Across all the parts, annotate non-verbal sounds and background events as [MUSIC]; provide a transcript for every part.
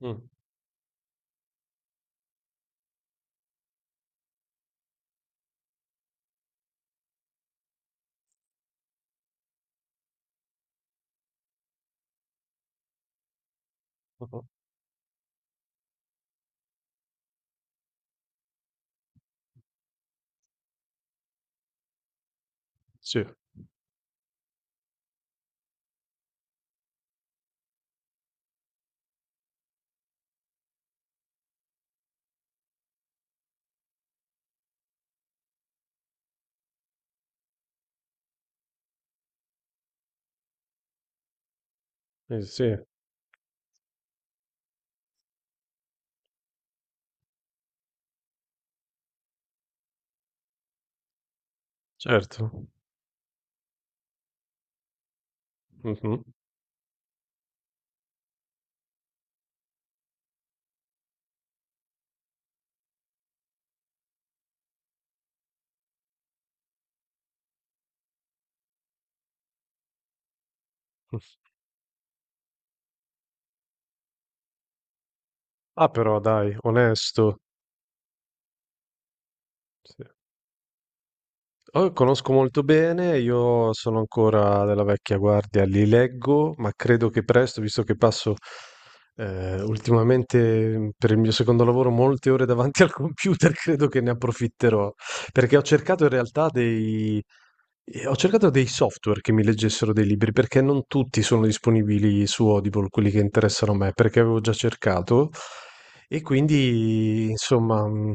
Mh. Mh-mh. Sì, sì, sì, certo. Mh-mh. Ah, però dai, onesto. Sì. Oh, conosco molto bene, io sono ancora della vecchia guardia, li leggo, ma credo che presto, visto che passo ultimamente per il mio secondo lavoro molte ore davanti al computer, [LAUGHS] credo che ne approfitterò, perché ho cercato in realtà dei, ho cercato dei software che mi leggessero dei libri, perché non tutti sono disponibili su Audible, quelli che interessano a me, perché avevo già cercato, e quindi, insomma.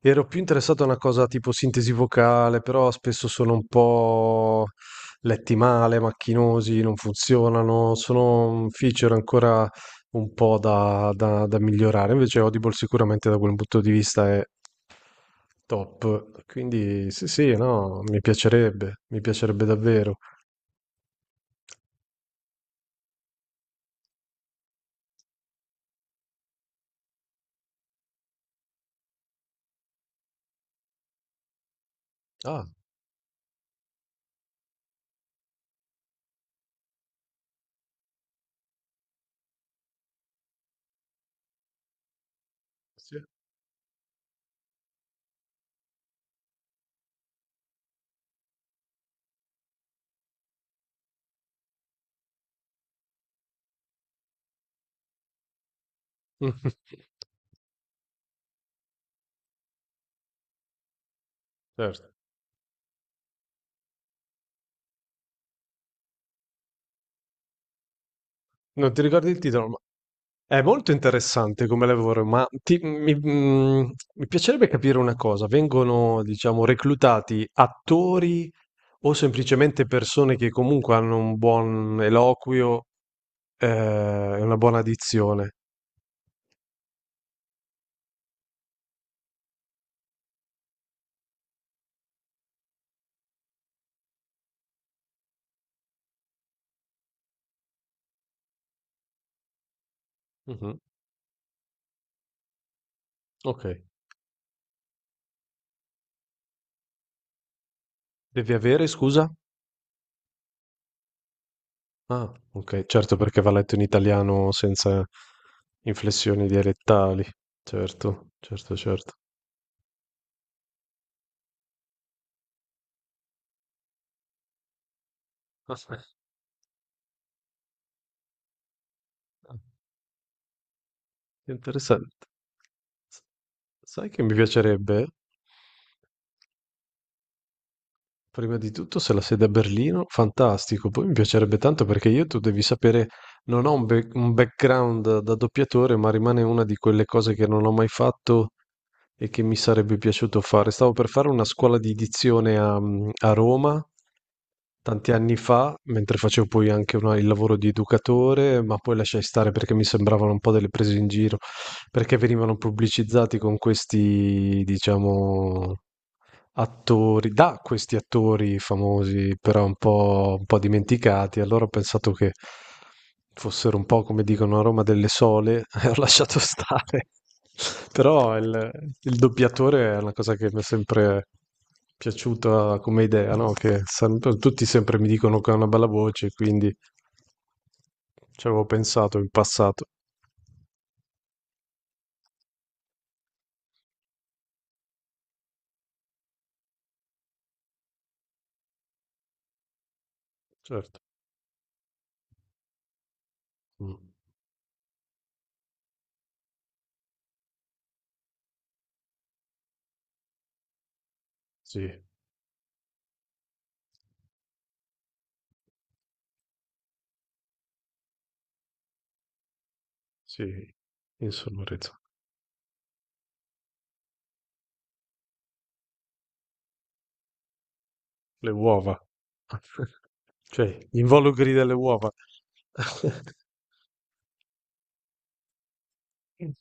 Ero più interessato a una cosa tipo sintesi vocale, però spesso sono un po' letti male, macchinosi, non funzionano, sono un feature ancora un po' da migliorare. Invece Audible sicuramente da quel punto di vista è top. Quindi sì, sì, no, mi piacerebbe davvero. Ah, sì. [LAUGHS] Certo. Non ti ricordi il titolo, ma è molto interessante come lavoro, ma mi piacerebbe capire una cosa. Vengono, diciamo, reclutati attori o semplicemente persone che comunque hanno un buon eloquio, eh, e una buona dizione? Mhm. Ok. Devi avere, scusa? Ah, ok, certo, perché va letto in italiano senza inflessioni dialettali. Certo, certo, certo. Ah, sì. Ah, interessante. Sai che mi piacerebbe? Prima di tutto, se la sede è a Berlino, fantastico. Poi mi piacerebbe tanto perché io, tu devi sapere, non ho un background da doppiatore, ma rimane una di quelle cose che non ho mai fatto e che mi sarebbe piaciuto fare. Stavo per fare una scuola di dizione a Roma tanti anni fa, mentre facevo poi anche il lavoro di educatore, ma poi lasciai stare perché mi sembravano un po' delle prese in giro, perché venivano pubblicizzati con questi, diciamo attori, da questi attori famosi, però un po' dimenticati. Allora ho pensato che fossero un po' come dicono a Roma delle sole [LAUGHS] e ho lasciato stare. Però il doppiatore è una cosa che mi è sempre piaciuta come idea, no? Che tutti sempre mi dicono che ha una bella voce, quindi ci avevo pensato in passato. Certo. Mm. Sì, sì, insonorizzato. Le uova. [LAUGHS] Cioè, gli involucri delle uova.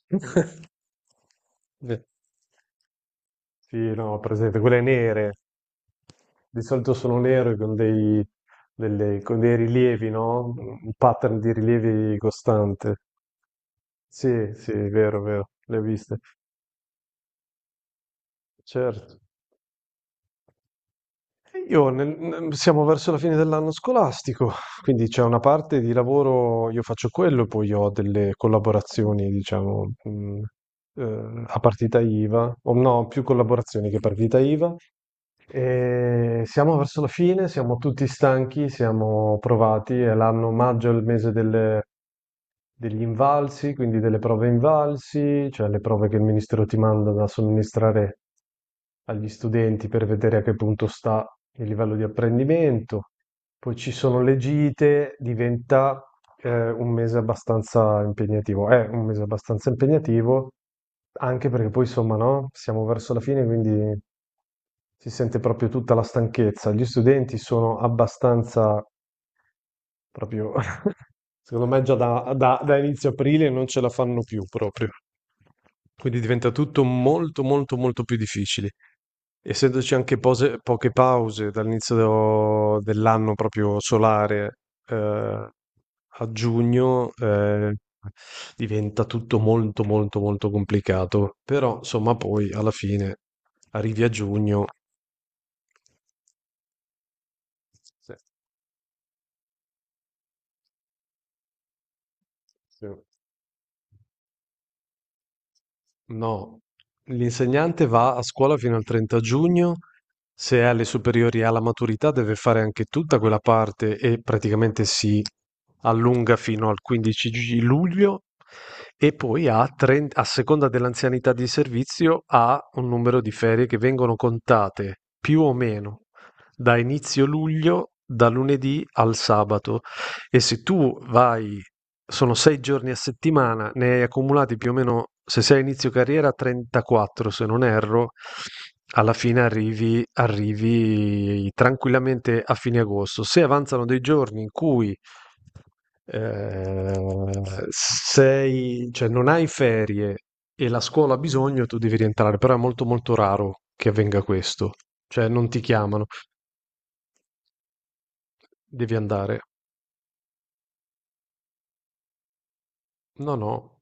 [LAUGHS] Beh, sì, no, presente, quelle nere, di solito sono nere con dei, con dei rilievi, no? Un pattern di rilievi costante. Sì, sì, è vero, le ho viste. Certo. Io siamo verso la fine dell'anno scolastico, quindi c'è una parte di lavoro, io faccio quello, poi ho delle collaborazioni, diciamo, a partita IVA, o no, più collaborazioni che partita IVA. E siamo verso la fine, siamo tutti stanchi, siamo provati, è l'anno maggio, è il mese degli invalsi, quindi delle prove invalsi, cioè le prove che il ministero ti manda da somministrare agli studenti per vedere a che punto sta il livello di apprendimento. Poi ci sono le gite, diventa un mese abbastanza impegnativo. È un mese abbastanza impegnativo, anche perché poi, insomma, no? Siamo verso la fine, quindi si sente proprio tutta la stanchezza. Gli studenti sono abbastanza. Proprio, [LAUGHS] secondo me già da inizio aprile non ce la fanno più proprio. Quindi diventa tutto molto, molto, molto più difficile. Essendoci anche poche pause dall'inizio dell'anno proprio solare, eh, a giugno, diventa tutto molto, molto, molto complicato. Però, insomma, poi alla fine arrivi a giugno. Sì, sì. No, l'insegnante va a scuola fino al 30 giugno, se è alle superiori e alla maturità deve fare anche tutta quella parte e praticamente si allunga fino al 15 luglio e poi a, 30 a seconda dell'anzianità di servizio ha un numero di ferie che vengono contate più o meno da inizio luglio, da lunedì al sabato. E se tu vai, sono 6 giorni a settimana, ne hai accumulati più o meno, se sei a inizio carriera, 34 se non erro, alla fine arrivi tranquillamente a fine agosto. Se avanzano dei giorni in cui eh, sei, cioè non hai ferie e la scuola ha bisogno, tu devi rientrare, però è molto molto raro che avvenga questo, cioè non ti chiamano, devi andare. No, no,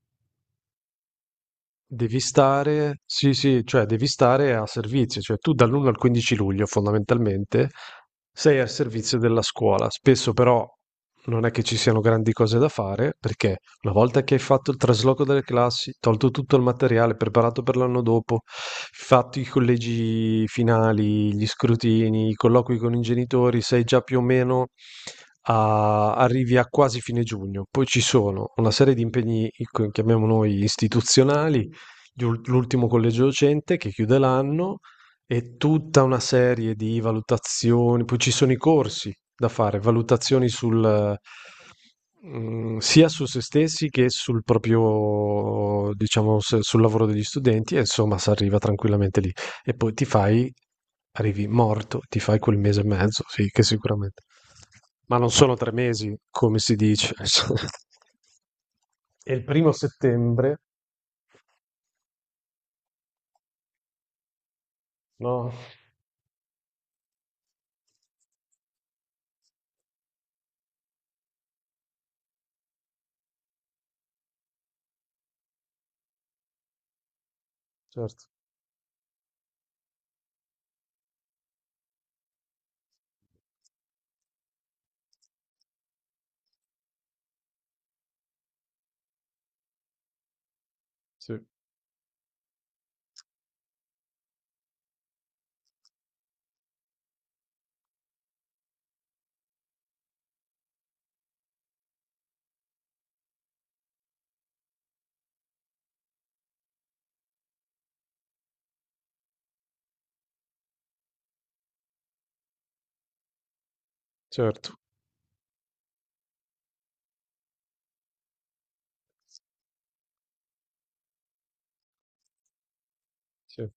devi stare sì, sì, cioè devi stare a servizio, cioè tu dall'1 al 15 luglio fondamentalmente sei al servizio della scuola, spesso però non è che ci siano grandi cose da fare, perché una volta che hai fatto il trasloco delle classi, tolto tutto il materiale preparato per l'anno dopo, fatto i collegi finali, gli scrutini, i colloqui con i genitori, sei già più o meno arrivi a quasi fine giugno. Poi ci sono una serie di impegni, ecco, chiamiamo noi, istituzionali, l'ultimo collegio docente che chiude l'anno e tutta una serie di valutazioni, poi ci sono i corsi da fare, valutazioni sia su se stessi che sul proprio, diciamo, sul lavoro degli studenti, e insomma, si arriva tranquillamente lì. E poi ti fai, arrivi morto, ti fai quel mese e mezzo, sì, che sicuramente. Ma non sono 3 mesi, come si dice. [LAUGHS] E il primo settembre, no, certo, sì, certo, sì.